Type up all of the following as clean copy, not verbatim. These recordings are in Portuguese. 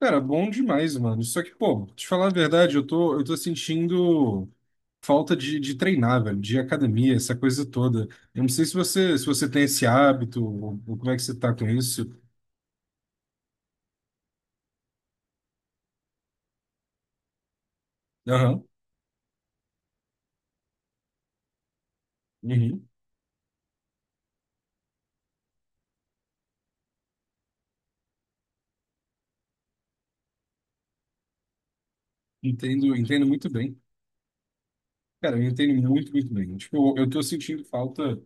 Cara, bom demais, mano. Só que, pô, te falar a verdade, eu tô sentindo falta de treinar, velho, de academia, essa coisa toda. Eu não sei se você tem esse hábito, ou como é que você tá com isso. Aham, uhum. Entendo, entendo muito bem. Cara, eu entendo muito, muito bem. Tipo, eu tô sentindo falta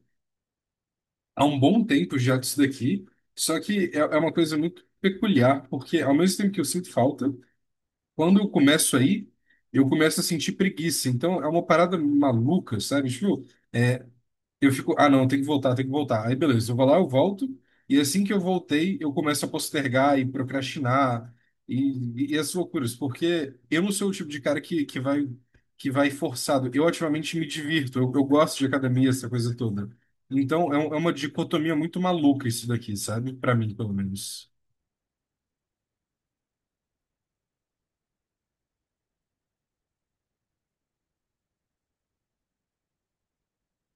há um bom tempo já disso daqui, só que é uma coisa muito peculiar, porque ao mesmo tempo que eu sinto falta, quando eu começo aí, eu começo a sentir preguiça. Então é uma parada maluca, sabe? Tipo, eu fico, ah, não, tem que voltar, tem que voltar. Aí beleza, eu vou lá, eu volto, e assim que eu voltei, eu começo a postergar e procrastinar e, e essas loucuras, porque eu não sou o tipo de cara que vai forçado. Eu ativamente me divirto, eu gosto de academia, essa coisa toda. Então é uma dicotomia muito maluca isso daqui, sabe? Para mim, pelo menos.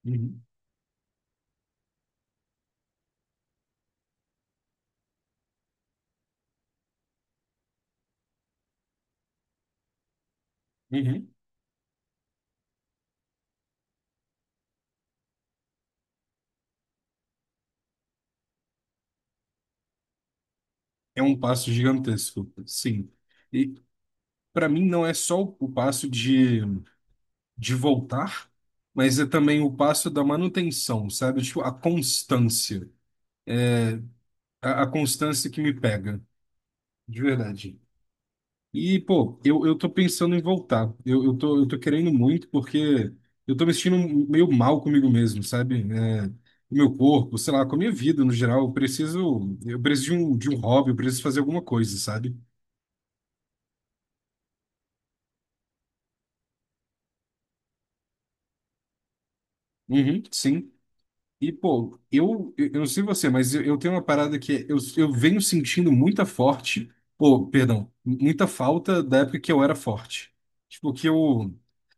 Uhum. Uhum. É um passo gigantesco, sim. E, para mim não é só o passo de voltar, mas é também o passo da manutenção, sabe? Tipo, a constância. A constância que me pega, de verdade. E, pô, eu tô pensando em voltar. Eu tô querendo muito porque eu tô me sentindo meio mal comigo mesmo, sabe? É, o meu corpo, sei lá, com a minha vida no geral, eu preciso de um hobby, eu preciso fazer alguma coisa, sabe? Uhum, sim. E, pô, eu não sei você, mas eu tenho uma parada que é, eu venho sentindo muita forte, pô, perdão, muita falta da época que eu era forte. Tipo, que eu,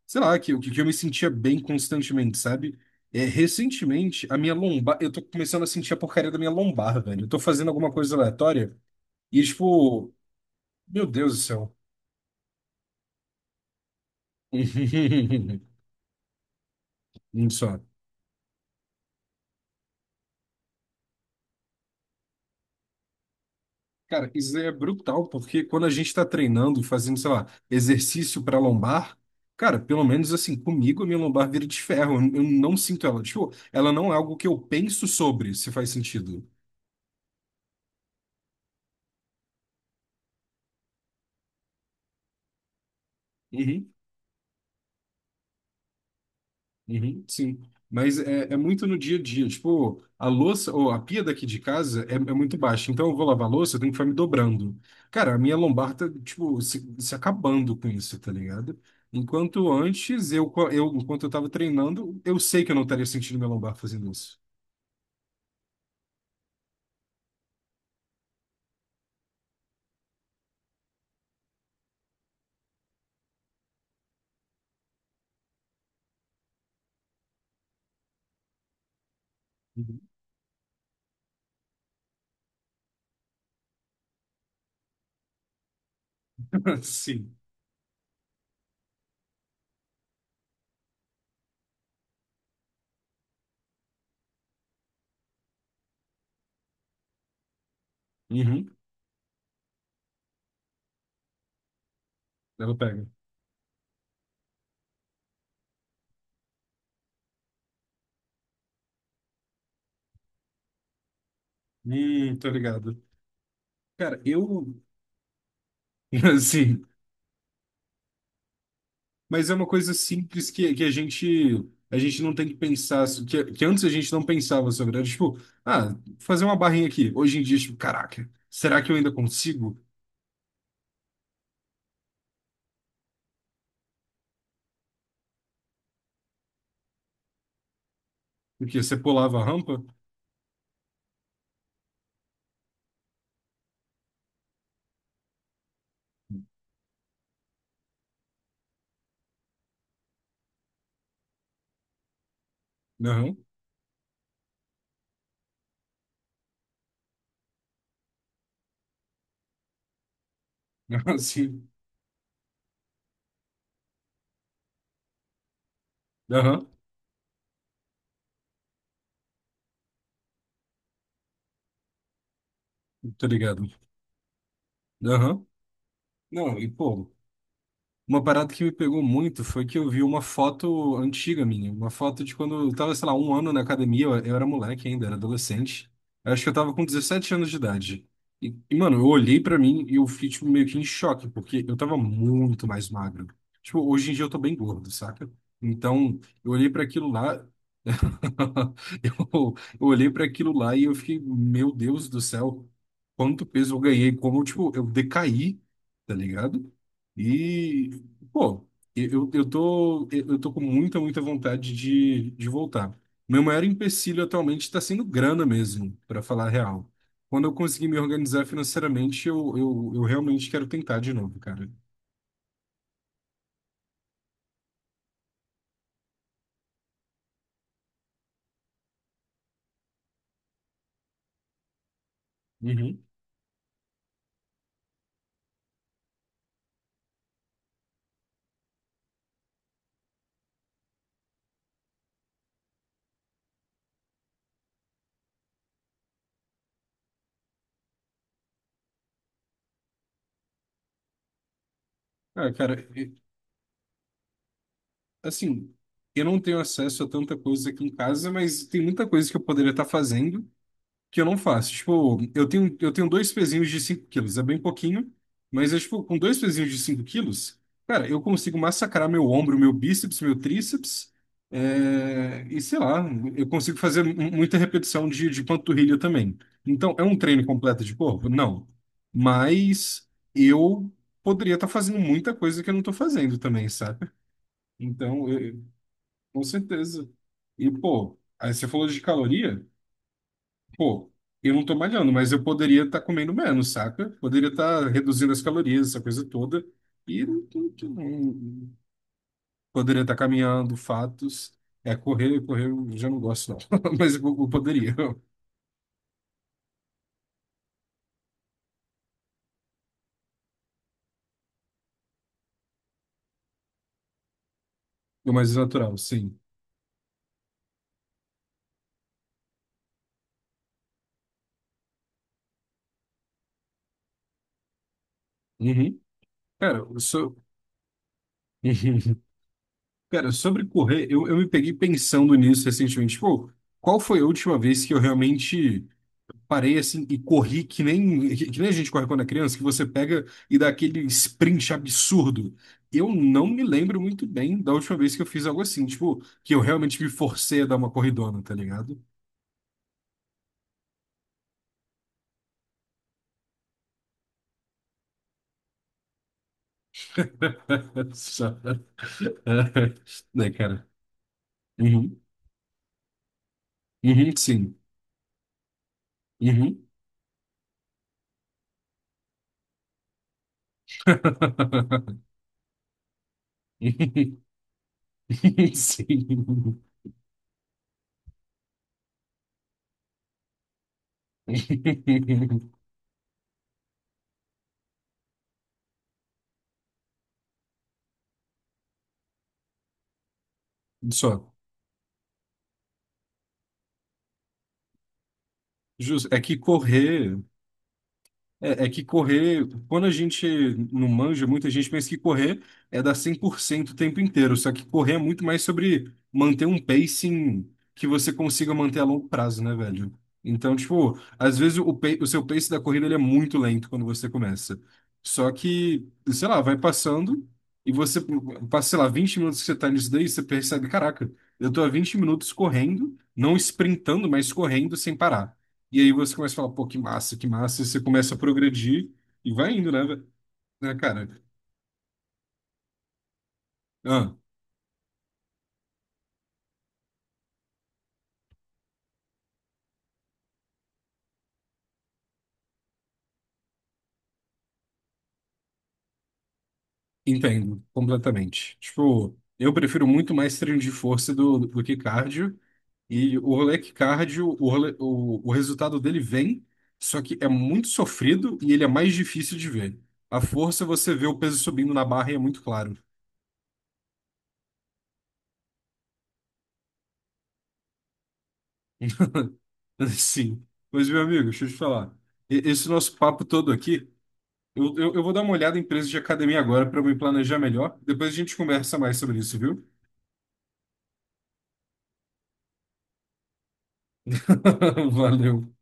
sei lá, que eu me sentia bem constantemente, sabe? É, recentemente, a minha lombar, eu tô começando a sentir a porcaria da minha lombar, velho. Eu tô fazendo alguma coisa aleatória e, tipo, meu Deus do céu. Só. Cara, isso é brutal, porque quando a gente está treinando, fazendo, sei lá, exercício para lombar, cara, pelo menos assim, comigo a minha lombar vira de ferro, eu não sinto ela. Tipo, ela não é algo que eu penso sobre, se faz sentido. Uhum. Uhum, sim, mas é muito no dia a dia. Tipo, a louça, ou a pia daqui de casa é muito baixa, então eu vou lavar a louça, eu tenho que ficar me dobrando. Cara, a minha lombar tá, tipo, se acabando com isso, tá ligado? Enquanto antes, enquanto eu tava treinando, eu sei que eu não estaria sentindo minha lombar fazendo isso. Uhum. Sim. Uhum. Ela pega. Tô ligado. Cara, eu. Sim. Mas é uma coisa simples que a gente não tem que pensar, assim, que antes a gente não pensava sobre. Era tipo, ah, fazer uma barrinha aqui. Hoje em dia, tipo, caraca, será que eu ainda consigo? Porque você pulava a rampa? Aham, aham, sim, aham, tô ligado, aham. Não, e pô, uma parada que me pegou muito foi que eu vi uma foto antiga minha, uma foto de quando eu tava, sei lá, um ano na academia, eu era moleque ainda, era adolescente. Eu acho que eu tava com 17 anos de idade. E, mano, eu olhei pra mim e eu fiquei, tipo, meio que em choque, porque eu tava muito mais magro. Tipo, hoje em dia eu tô bem gordo, saca? Então, eu olhei pra aquilo lá, Eu, eu olhei para aquilo lá e eu fiquei, meu Deus do céu, quanto peso eu ganhei, como tipo, eu decaí, tá ligado? E, pô, eu tô com muita, muita vontade de voltar. Meu maior empecilho atualmente está sendo grana mesmo, para falar a real. Quando eu conseguir me organizar financeiramente, eu realmente quero tentar de novo, cara. Uhum. Ah, cara, assim, eu não tenho acesso a tanta coisa aqui em casa, mas tem muita coisa que eu poderia estar fazendo que eu não faço. Tipo, eu tenho dois pezinhos de 5 quilos, é bem pouquinho, mas eu, tipo, com dois pezinhos de 5 quilos, cara, eu consigo massacrar meu ombro, meu bíceps, meu tríceps, é, e sei lá, eu consigo fazer muita repetição de panturrilha também. Então, é um treino completo de corpo? Não. Mas eu poderia estar fazendo muita coisa que eu não estou fazendo também, sabe? Então, eu, com certeza. E, pô, aí você falou de caloria? Pô, eu não tô malhando, mas eu poderia estar comendo menos, saca? Poderia estar reduzindo as calorias, essa coisa toda. E não, poderia estar caminhando, fatos. É, correr, correr eu já não gosto, não. Mas eu poderia. O mais natural, sim. Uhum. Cara, eu sou... Cara, sobre correr, eu me peguei pensando nisso recentemente. Pô, qual foi a última vez que eu realmente parei assim e corri que nem a gente corre quando é criança, que você pega e dá aquele sprint absurdo. Eu não me lembro muito bem da última vez que eu fiz algo assim, tipo, que eu realmente me forcei a dar uma corridona, tá ligado? Só- Né, cara? Uhum. Uhum, sim. Uhum. Sim. Só. Justo. É que correr. É. que correr, quando a gente não manja, muita gente pensa que correr é dar 100% o tempo inteiro, só que correr é muito mais sobre manter um pacing que você consiga manter a longo prazo, né, velho? Então, tipo, às vezes o seu pace da corrida ele é muito lento quando você começa. Só que, sei lá, vai passando e você passa, sei lá, 20 minutos que você tá nisso daí, você percebe, caraca, eu tô há 20 minutos correndo, não sprintando, mas correndo sem parar. E aí você começa a falar, pô, que massa, e você começa a progredir e vai indo, né, né, cara? Ah, entendo, completamente. Tipo, eu prefiro muito mais treino de força do que cardio, e o rolê é que cardio, o resultado dele vem, só que é muito sofrido e ele é mais difícil de ver. A força você vê o peso subindo na barra e é muito claro. Sim. Mas, meu amigo, deixa eu te falar. Esse nosso papo todo aqui, eu vou dar uma olhada em preço de academia agora para me planejar melhor. Depois a gente conversa mais sobre isso, viu? Valeu.